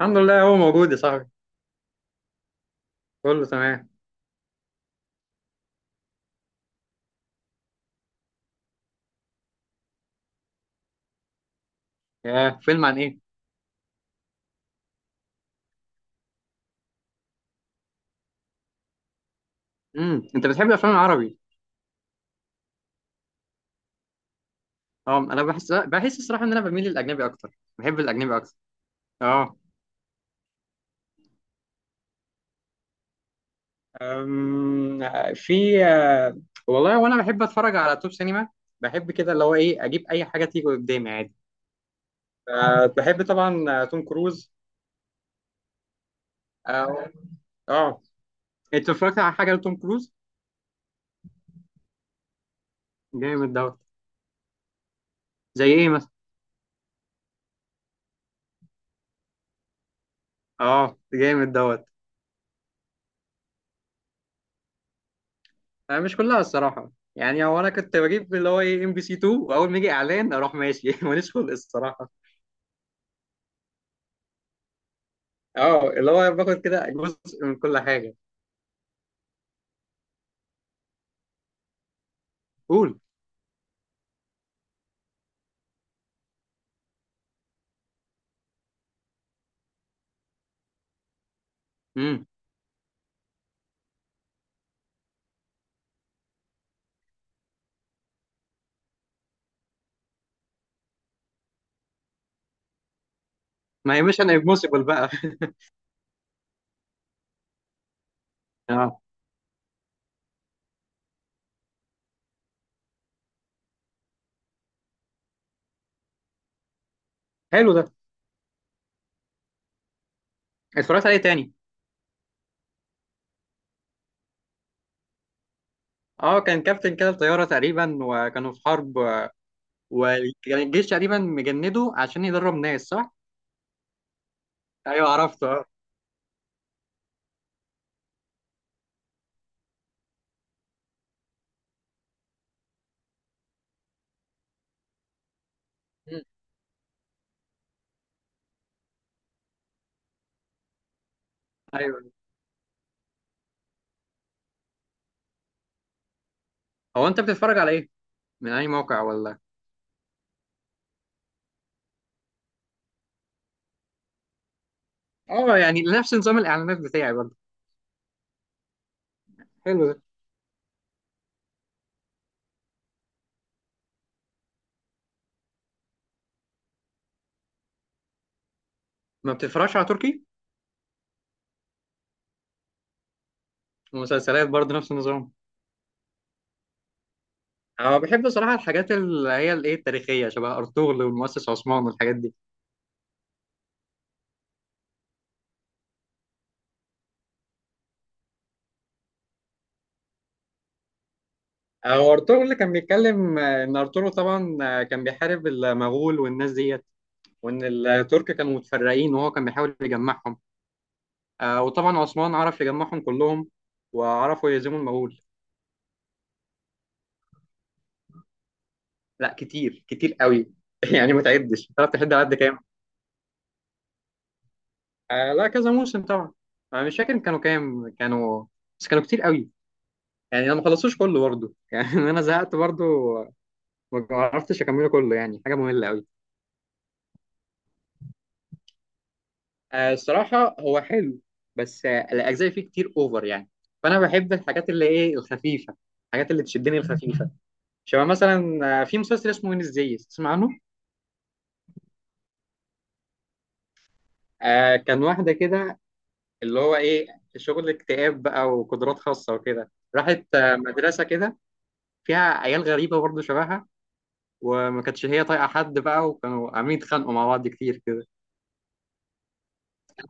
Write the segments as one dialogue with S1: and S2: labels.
S1: الحمد لله، هو موجود يا صاحبي. كله تمام. يا فيلم عن ايه؟ انت بتحب الافلام العربي؟ اه، انا بحس الصراحه ان انا بميل للاجنبي اكتر، بحب الاجنبي اكتر. اه. أم... في والله، وانا بحب اتفرج على توب سينما. بحب كده اللي هو ايه، اجيب اي حاجه تيجي قدامي عادي. بحب طبعا توم كروز. اه. اه. انت اتفرجت على حاجه لتوم كروز؟ جامد دوت. زي ايه مثلا؟ اه، جامد دوت. أنا مش كلها الصراحة. يعني هو أنا كنت بجيب اللي هو إيه، ام بي سي 2، وأول ما يجي إعلان أروح ماشي ماليش خلق الصراحة. أه، اللي هو باخد كده جزء من كل حاجة. قول. امم. ما هي مش أنا امبوسيبل بقى أه. حلو ده. اتفرجت عليه تاني؟ أه، كان كابتن كده الطيارة تقريبا، وكانوا في حرب. وكان الجيش تقريبا مجنده عشان يدرب ناس، صح؟ أيوه، عرفته أه. مم. أيوه. هو أنت بتتفرج على إيه؟ من أي موقع ولا؟ أه، يعني نفس نظام الإعلانات بتاعي برضه. حلو ده. ما بتتفرجش على تركي؟ ومسلسلات برضه نفس النظام؟ انا بحب صراحه الحاجات اللي هي الايه التاريخيه، شبه ارطغرل والمؤسس عثمان والحاجات دي. هو ارطغرل كان بيتكلم ان ارطغرل طبعا كان بيحارب المغول والناس ديت. وان الترك كانوا متفرقين، وهو كان بيحاول يجمعهم. وطبعا عثمان عرف يجمعهم كلهم. وعرفوا يهزموا المغول. لا، كتير كتير قوي يعني ما تعدش تعرف تحد على قد كام. لا، كذا موسم طبعا. انا مش فاكر كانوا كام كانوا، بس كانوا كتير قوي. يعني انا ما خلصتوش كله برضه يعني انا زهقت برضه. ما عرفتش اكمله كله، يعني حاجه ممله قوي. الصراحه هو حلو، بس الاجزاء فيه كتير اوفر يعني. فانا بحب الحاجات اللي ايه الخفيفه، الحاجات اللي تشدني الخفيفه. شبه مثلا في مسلسل اسمه وين، ازاي تسمع عنه. كان واحده كده، اللي هو ايه، شغل اكتئاب بقى وقدرات خاصه وكده، راحت مدرسه كده فيها عيال غريبه برضه شبهها. وما كانتش هي طايقه حد بقى، وكانوا عاملين يتخانقوا مع بعض كتير كده.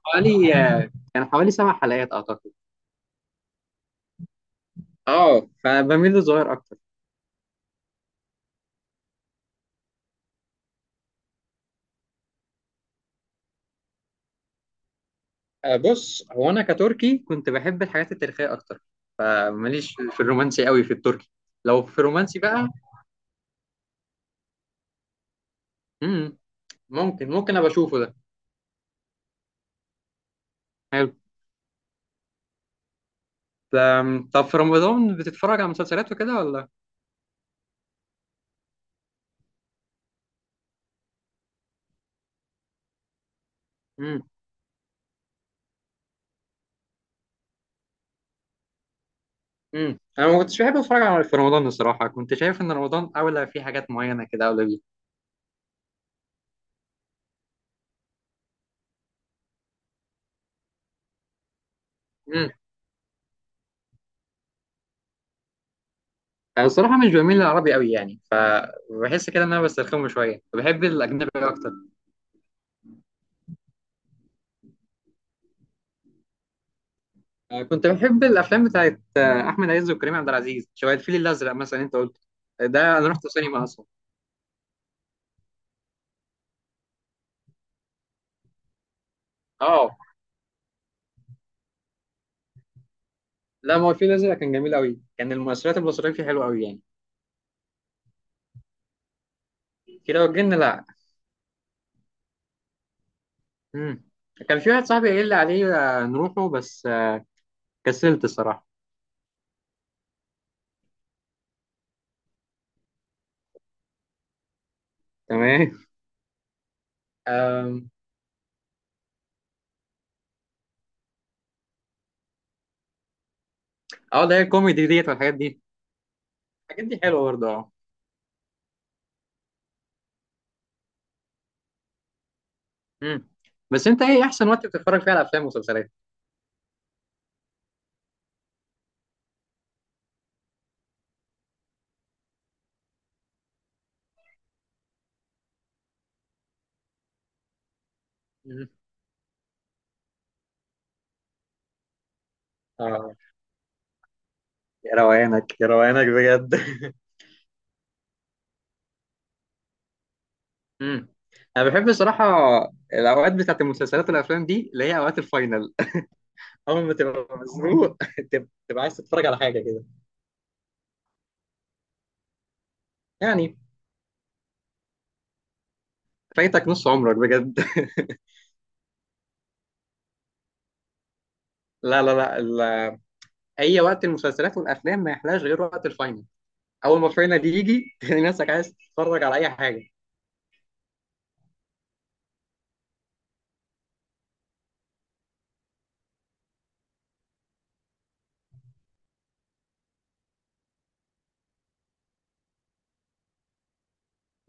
S1: حوالي كان حوالي 7 حلقات أعتقد. أه، فبميل للصغير أكتر. بص، هو أنا كتركي كنت بحب الحاجات التاريخية أكتر. فماليش في الرومانسي قوي في التركي. لو في رومانسي بقى. مم. ممكن أبقى أشوفه ده. حلو. طب في رمضان بتتفرج على مسلسلات وكده ولا؟ مم. مم. أنا ما كنتش بحب أتفرج على في رمضان الصراحة، كنت شايف إن رمضان أولى في حاجات معينة كده أولى بيه. مم. أنا الصراحة مش بميل للعربي قوي يعني، بحس كده إن أنا بسترخمه شوية، بحب الأجنبي أكتر. كنت بحب الافلام بتاعت احمد عز وكريم عبد العزيز، شبه الفيل الازرق مثلا انت قلت. ده انا رحت سينما اصلا. اه. لا، ما هو الفيل الازرق كان جميل قوي، كان المؤثرات البصريه فيه حلوه قوي يعني. كده وجدنا، لا. مم. كان في واحد صاحبي قال لي عليه نروحه، بس كسلت الصراحه. تمام. آم، اه، ده هي الكوميدي ديت والحاجات دي. الحاجات دي حلوه برضه، اه. مم. بس انت ايه احسن وقت بتتفرج فيه على افلام ومسلسلات؟ مم. اه. يا روانك، يا روانك بجد امم. انا بحب الصراحه الاوقات بتاعت المسلسلات والافلام دي، اللي هي اوقات الفاينل. اول ما تبقى مزنوق تبقى عايز تتفرج على حاجه كده. يعني، فايتك نص عمرك بجد لا لا لا، اي وقت المسلسلات والافلام ما يحلاش غير وقت الفاينل. اول ما الفاينل يجي تلاقي نفسك عايز تتفرج على اي حاجه.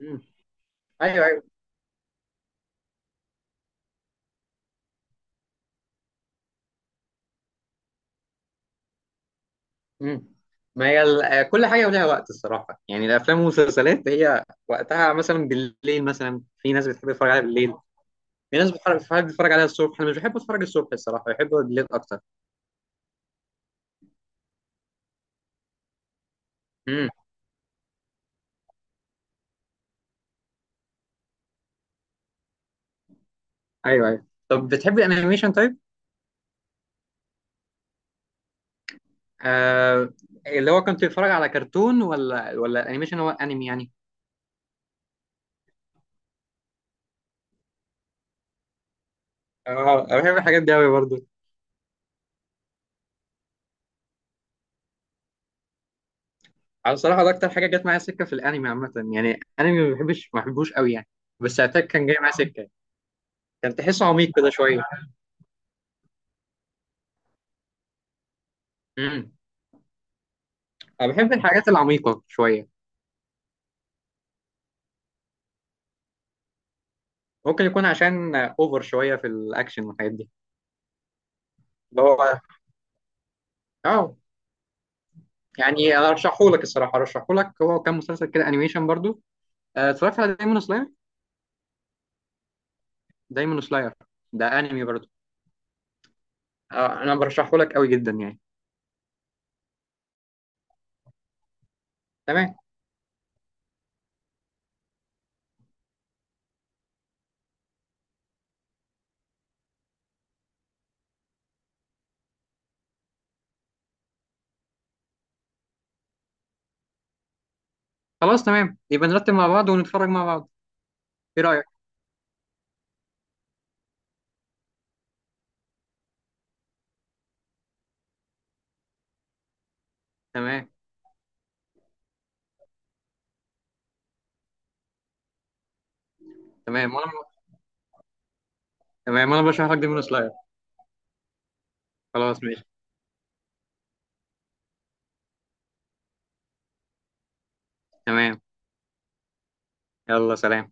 S1: امم. ايوه، ايوه. امم. ما هي كل حاجه ولها وقت الصراحه، يعني الافلام والمسلسلات هي وقتها مثلا بالليل، مثلا في ناس بتحب تتفرج عليها بالليل. في ناس بتحب تتفرج عليها الصبح، انا مش بحب اتفرج الصبح الصراحه، بحب بالليل اكتر. امم. ايوه، ايوه. طب بتحب الانيميشن طيب؟ آه. اللي هو كنت بتتفرج على كرتون ولا انيميشن، هو انمي يعني. اه، انا بحب الحاجات دي قوي برضه. على الصراحه ده اكتر حاجه جت معايا سكه، في الانمي عامه يعني، انمي ما بحبش ما بحبوش قوي يعني. بس اتاك كان جاي معايا سكه، كان تحسه عميق كده شويه. امم. انا بحب الحاجات العميقه شويه. ممكن يكون عشان اوفر شويه في الاكشن والحاجات دي. اللي هو، اه. يعني ارشحه لك الصراحه، ارشحه لك، هو كان مسلسل كده انيميشن برضو. اتفرجت على دايمون سلاير. دايمون سلاير، ده انمي برضو. انا برشحه لك قوي جدا يعني. تمام. خلاص، تمام، يبقى نرتب مع بعض ونتفرج مع بعض. ايه رايك؟ تمام. تمام وانا. تمام وانا برشح لك دايمون سلاير. خلاص ماشي. تمام. يلا، سلام.